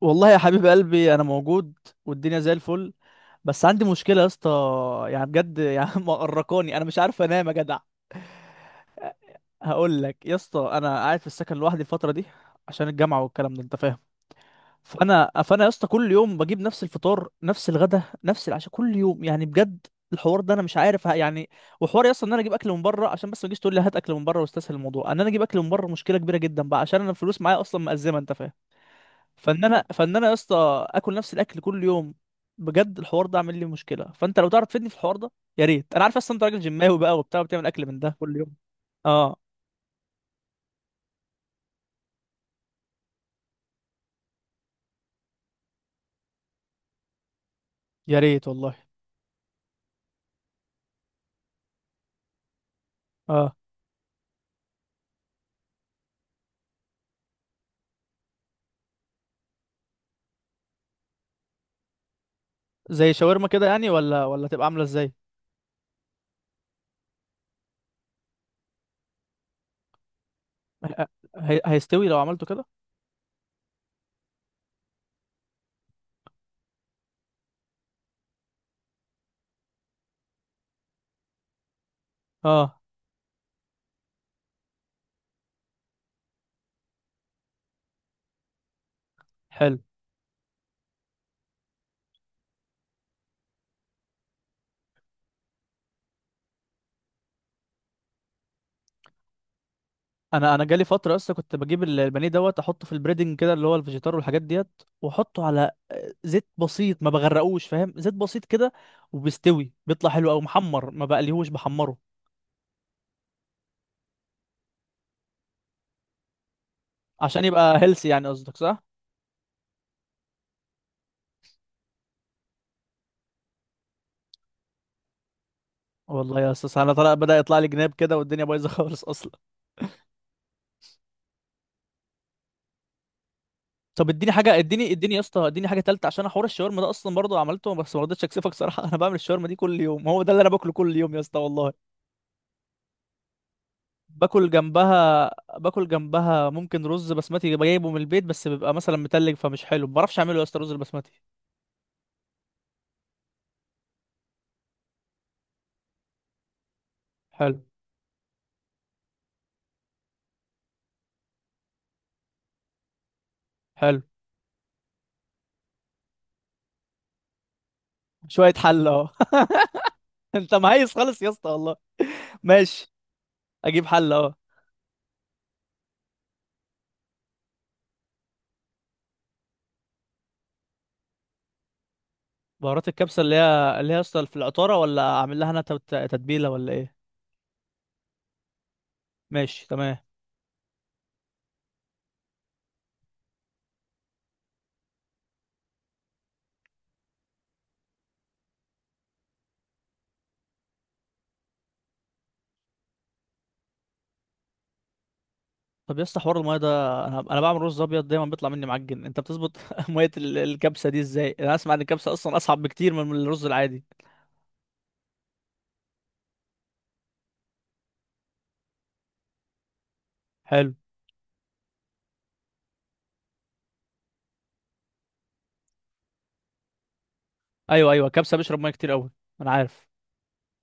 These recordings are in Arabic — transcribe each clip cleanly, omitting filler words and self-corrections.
والله يا حبيب قلبي انا موجود، والدنيا زي الفل. بس عندي مشكله يا اسطى، يعني بجد، مقرقاني، انا مش عارف انام يا جدع. هقول لك يا اسطى، انا قاعد في السكن لوحدي الفتره دي عشان الجامعه والكلام ده، انت فاهم. فانا يا اسطى كل يوم بجيب نفس الفطار، نفس الغدا، نفس العشاء، كل يوم يعني بجد. الحوار ده انا مش عارف يعني. وحوار يا اسطى ان انا اجيب اكل من بره، عشان بس ما تجيش تقول لي هات اكل من بره واستسهل الموضوع ان انا اجيب اكل من بره، مشكله كبيره جدا بقى عشان انا الفلوس معايا اصلا مأزمه، انت فاهم. فان انا يا اسطى اكل نفس الاكل كل يوم. بجد الحوار ده عامل لي مشكله، فانت لو تعرف تفيدني في الحوار ده يا ريت. انا عارف اصلا انت راجل جماوي بقى وبتاع وبتعمل اكل من ده كل يوم. اه، يا ريت والله. اه، زي شاورما كده يعني، ولا تبقى عامله ازاي؟ ه- هيستوي لو عملته كده؟ اه، حلو. انا جالي فتره اصلا كنت بجيب البانيه دوت احطه في البريدنج كده، اللي هو الفيجيتار والحاجات ديت، واحطه على زيت بسيط، ما بغرقوش فاهم، زيت بسيط كده. وبيستوي بيطلع حلو او محمر، ما بقليهوش بحمره. عشان يبقى هيلسي يعني قصدك، صح؟ والله يا استاذ، انا طلع بدأ يطلع لي جناب كده والدنيا بايظه خالص اصلا. طب اديني حاجه، اديني يا اسطى اديني حاجه تالته، عشان حوار الشاورما ده اصلا برضه عملته بس ما رضيتش اكسفك صراحه انا بعمل الشاورما دي كل يوم، هو ده اللي انا باكله كل يوم يا اسطى والله. باكل جنبها، باكل جنبها ممكن رز بسمتي جايبه من البيت، بس بيبقى مثلا متلج فمش حلو، ما بعرفش اعمله يا اسطى رز البسمتي. حلو. حلو. شويه حله اهو. انت مهيس خالص يا اسطى والله. ماشي، اجيب حله اهو. بهارات الكبسة اللي هي اصلا في العطارة، ولا اعمل لها انا تتبيلة ولا ايه؟ ماشي، تمام. طب يا اسطى حوار الميه ده، انا بعمل رز ابيض دايما بيطلع مني معجن، انت بتظبط ميه الكبسه دي ازاي؟ انا اسمع ان الكبسه اصلا اصعب بكتير من الرز العادي. حلو. ايوه، ايوه، الكبسه بيشرب ميه كتير قوي، انا عارف.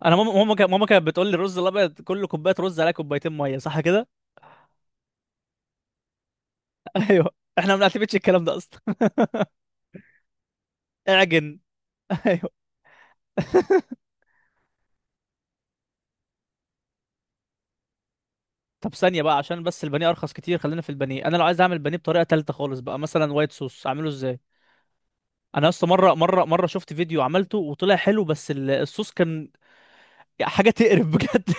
انا ماما كانت بتقول لي الرز الابيض كل كوبايه رز عليها كوبايتين ميه، صح كده؟ ايوه، احنا ما بنعتمدش الكلام ده اصلا. اعجن. ايوه. طب ثانية بقى، عشان بس البانيه أرخص كتير خلينا في البانيه. أنا لو عايز أعمل بانيه بطريقة تالتة خالص بقى مثلا وايت صوص، أعمله إزاي؟ أنا أصلا مرة شفت فيديو عملته وطلع حلو، بس الصوص كان حاجة تقرف بجد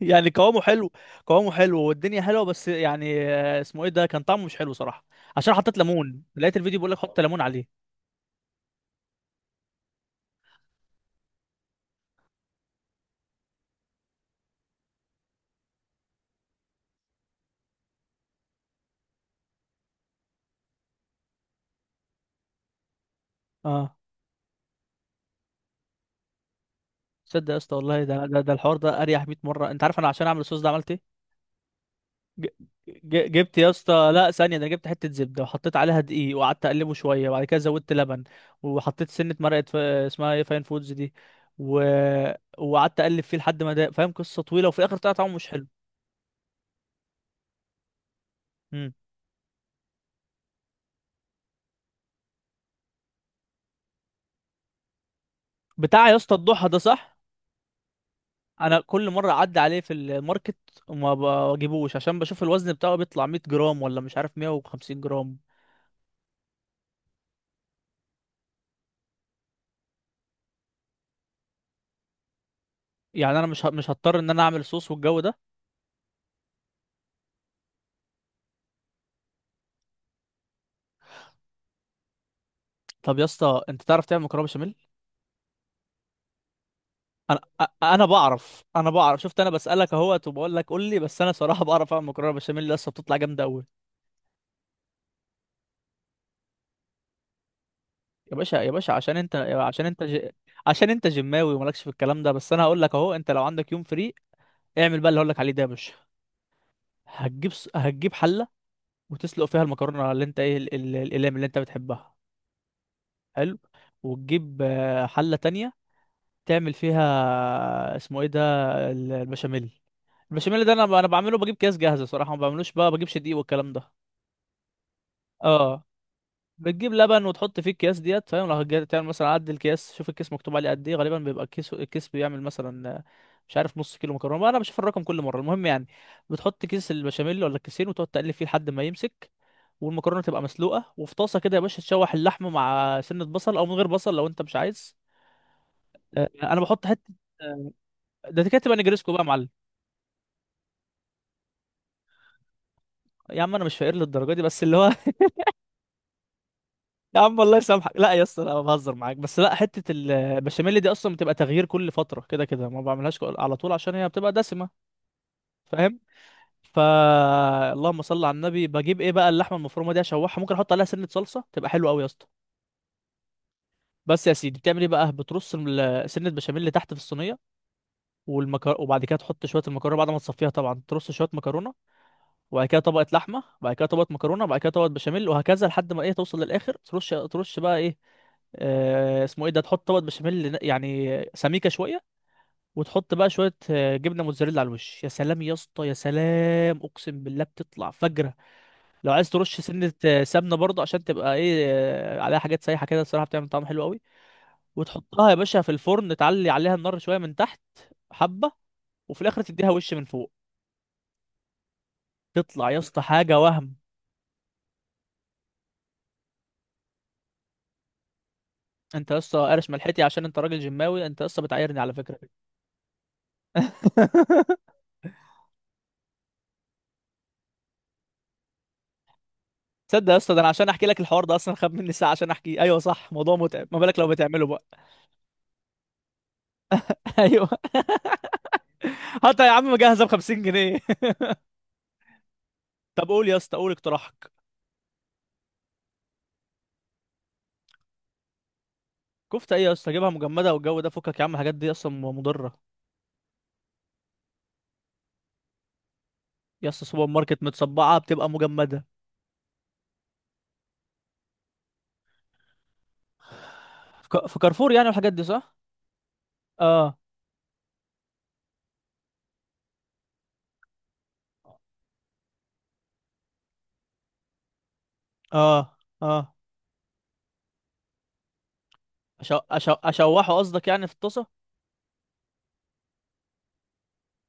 يعني قوامه حلو، قوامه حلو والدنيا حلوة، بس يعني اسمه إيه ده، كان طعمه مش حلو صراحة، عشان حطيت ليمون، لقيت الفيديو بيقول لك حط ليمون عليه. أه. تصدق يا اسطى والله، ده ده الحوار ده أريح 100 مرة. أنت عارف أنا عشان أعمل الصوص ده عملت إيه؟ ج- جبت يا اسطى، لا ثانيه، ده انا جبت حته زبده وحطيت عليها دقيق وقعدت اقلبه شويه، وبعد كده زودت لبن، وحطيت سنه مرقه ف... اسمها ايه، فاين فودز دي. و... وقعدت اقلب فيه لحد ما، ده فاهم قصه طويله، وفي الاخر طلع طعمه مش حلو. مم. بتاع يا اسطى الضحى ده، صح. انا كل مره اعدي عليه في الماركت وما بجيبوش، عشان بشوف الوزن بتاعه بيطلع 100 جرام ولا مش عارف 150 جرام يعني. انا مش هضطر ان انا اعمل صوص والجو ده. طب يا اسطى، انت تعرف تعمل مكرونه بشاميل؟ انا بعرف، شفت، انا بسالك اهوت وبقول لك قول لي. بس انا صراحه بعرف اعمل مكرونه بشاميل، لسه بتطلع جامده قوي. يا باشا يا باشا، عشان انت عشان انت جماوي ومالكش في الكلام ده. بس انا هقول لك اهو، انت لو عندك يوم فري اعمل بقى اللي هقول لك عليه ده يا باشا. هتجيب حله وتسلق فيها المكرونه، اللي انت ايه الاقلام اللي انت بتحبها. حلو. وتجيب حله تانية، تعمل فيها اسمه ايه ده، البشاميل. البشاميل ده انا انا بعمله بجيب كيس جاهزه صراحه، ما بعملوش بقى، بجيبش دقيق والكلام ده. اه. بتجيب لبن وتحط فيه الكياس ديت فاهم، لو تعمل مثلا عد الكياس، شوف الكيس مكتوب عليه قد ايه، غالبا بيبقى الكيس بيعمل مثلا مش عارف نص كيلو مكرونه، ما انا بشوف الرقم كل مره، المهم يعني. بتحط كيس البشاميل ولا الكيسين وتقعد تقلب فيه لحد ما يمسك، والمكرونه تبقى مسلوقه. وفي طاسه كده يا باشا تشوح اللحمه مع سنه بصل، او من غير بصل لو انت مش عايز. انا بحط حته. ده كده تبقى نجريسكو بقى يا معلم. يا عم انا مش فقير للدرجه دي، بس اللي هو. يا عم والله يسامحك، لا يا اسطى انا بهزر معاك، بس لا، حته البشاميل دي اصلا بتبقى تغيير كل فتره كده، كده ما بعملهاش على طول عشان هي بتبقى دسمه، فاهم. فا، اللهم صل على النبي. بجيب ايه بقى اللحمه المفرومه دي اشوحها، ممكن احط عليها سنه صلصه تبقى حلوه قوي يا اسطى. بس يا سيدي، بتعمل ايه بقى، بترص سنه بشاميل اللي تحت في الصينيه، وبعد كده تحط شويه المكرونه بعد ما تصفيها طبعا، ترص شويه مكرونه، وبعد كده طبقه لحمه، وبعد كده طبقه مكرونه، وبعد كده طبقه بشاميل، وهكذا لحد ما ايه توصل للاخر. ترش بقى ايه اسمه ايه ده، تحط طبقه بشاميل يعني سميكه شويه، وتحط بقى شويه جبنه موتزاريلا على الوش. يا سلام يا اسطى يا سلام، اقسم بالله بتطلع فجره. لو عايز ترش سنه سمنه برضه عشان تبقى ايه عليها حاجات سايحه كده، الصراحه بتعمل طعم حلو قوي. وتحطها يا باشا في الفرن، تعلي عليها النار شويه من تحت حبه، وفي الاخر تديها وش من فوق. تطلع يا اسطى حاجه وهم. انت يا اسطى قارش ملحتي عشان انت راجل جماوي، انت يا اسطى بتعايرني على فكره. تصدق يا اسطى، ده انا عشان احكي لك الحوار ده اصلا خد مني ساعه عشان احكيه، ايوه صح موضوع متعب، ما بالك لو بتعمله بقى. ايوه. حتى يا عم مجهزه ب 50 جنيه. طب قول يا اسطى، قول اقتراحك. كفته ايه يا اسطى، اجيبها مجمده والجو ده، فكك يا عم الحاجات دي اصلا مضره. يا اسطى سوبر ماركت متصبعه بتبقى مجمده. في في كارفور يعني والحاجات دي، صح؟ اه. اه. اه. اشوحه قصدك يعني في الطاسه؟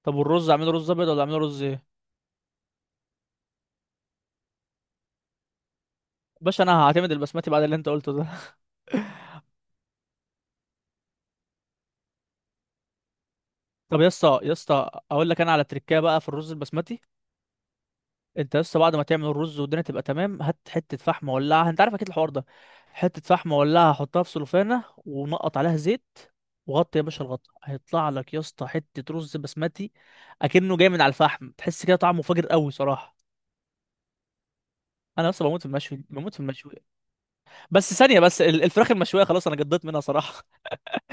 طب والرز اعمله رز ابيض ولا اعمله رز ايه؟ باشا انا هعتمد البسمتي بعد اللي انت قلته ده. طب يا اسطى، اقول لك انا على تريكايه بقى في الرز البسمتي. انت بس بعد ما تعمل الرز والدنيا تبقى تمام، هات حته فحم ولعها، انت عارف اكيد الحوار ده. حته فحم ولعها حطها في سلوفانه ونقط عليها زيت، وغطي يا باشا الغطا، هيطلع لك يا اسطى حته رز بسمتي اكنه جاي من على الفحم، تحس كده طعمه فاجر قوي صراحه. انا اصلا بموت في المشوي، بموت في المشوي. بس ثانيه، بس الفراخ المشويه خلاص انا قضيت منها صراحه.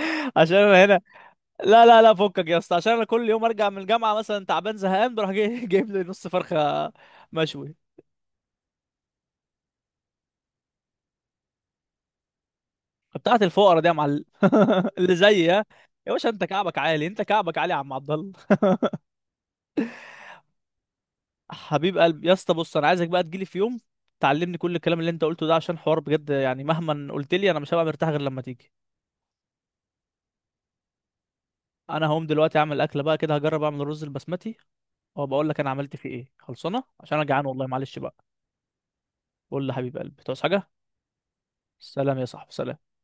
عشان انا هنا. لا لا لا، فكك يا اسطى، عشان انا كل يوم ارجع من الجامعه مثلا تعبان زهقان، بروح جايب لي نص فرخه مشوي. بتاعت الفقرا دي يا معلم، اللي زيي، ها؟ يا باشا انت كعبك عالي، انت كعبك عالي يا عم عبد الله. حبيب قلبي يا اسطى، بص انا عايزك بقى تجيلي في يوم تعلمني كل الكلام اللي انت قلته ده، عشان حوار بجد يعني مهما قلت لي انا مش هبقى مرتاح غير لما تيجي. انا هقوم دلوقتي اعمل اكله بقى كده، هجرب اعمل الرز البسمتي وبقول لك انا عملت فيه ايه. خلصانه عشان انا جعان والله، معلش بقى. قول لي حبيب قلبي، تعوز حاجه؟ سلام يا صاحبي، سلام.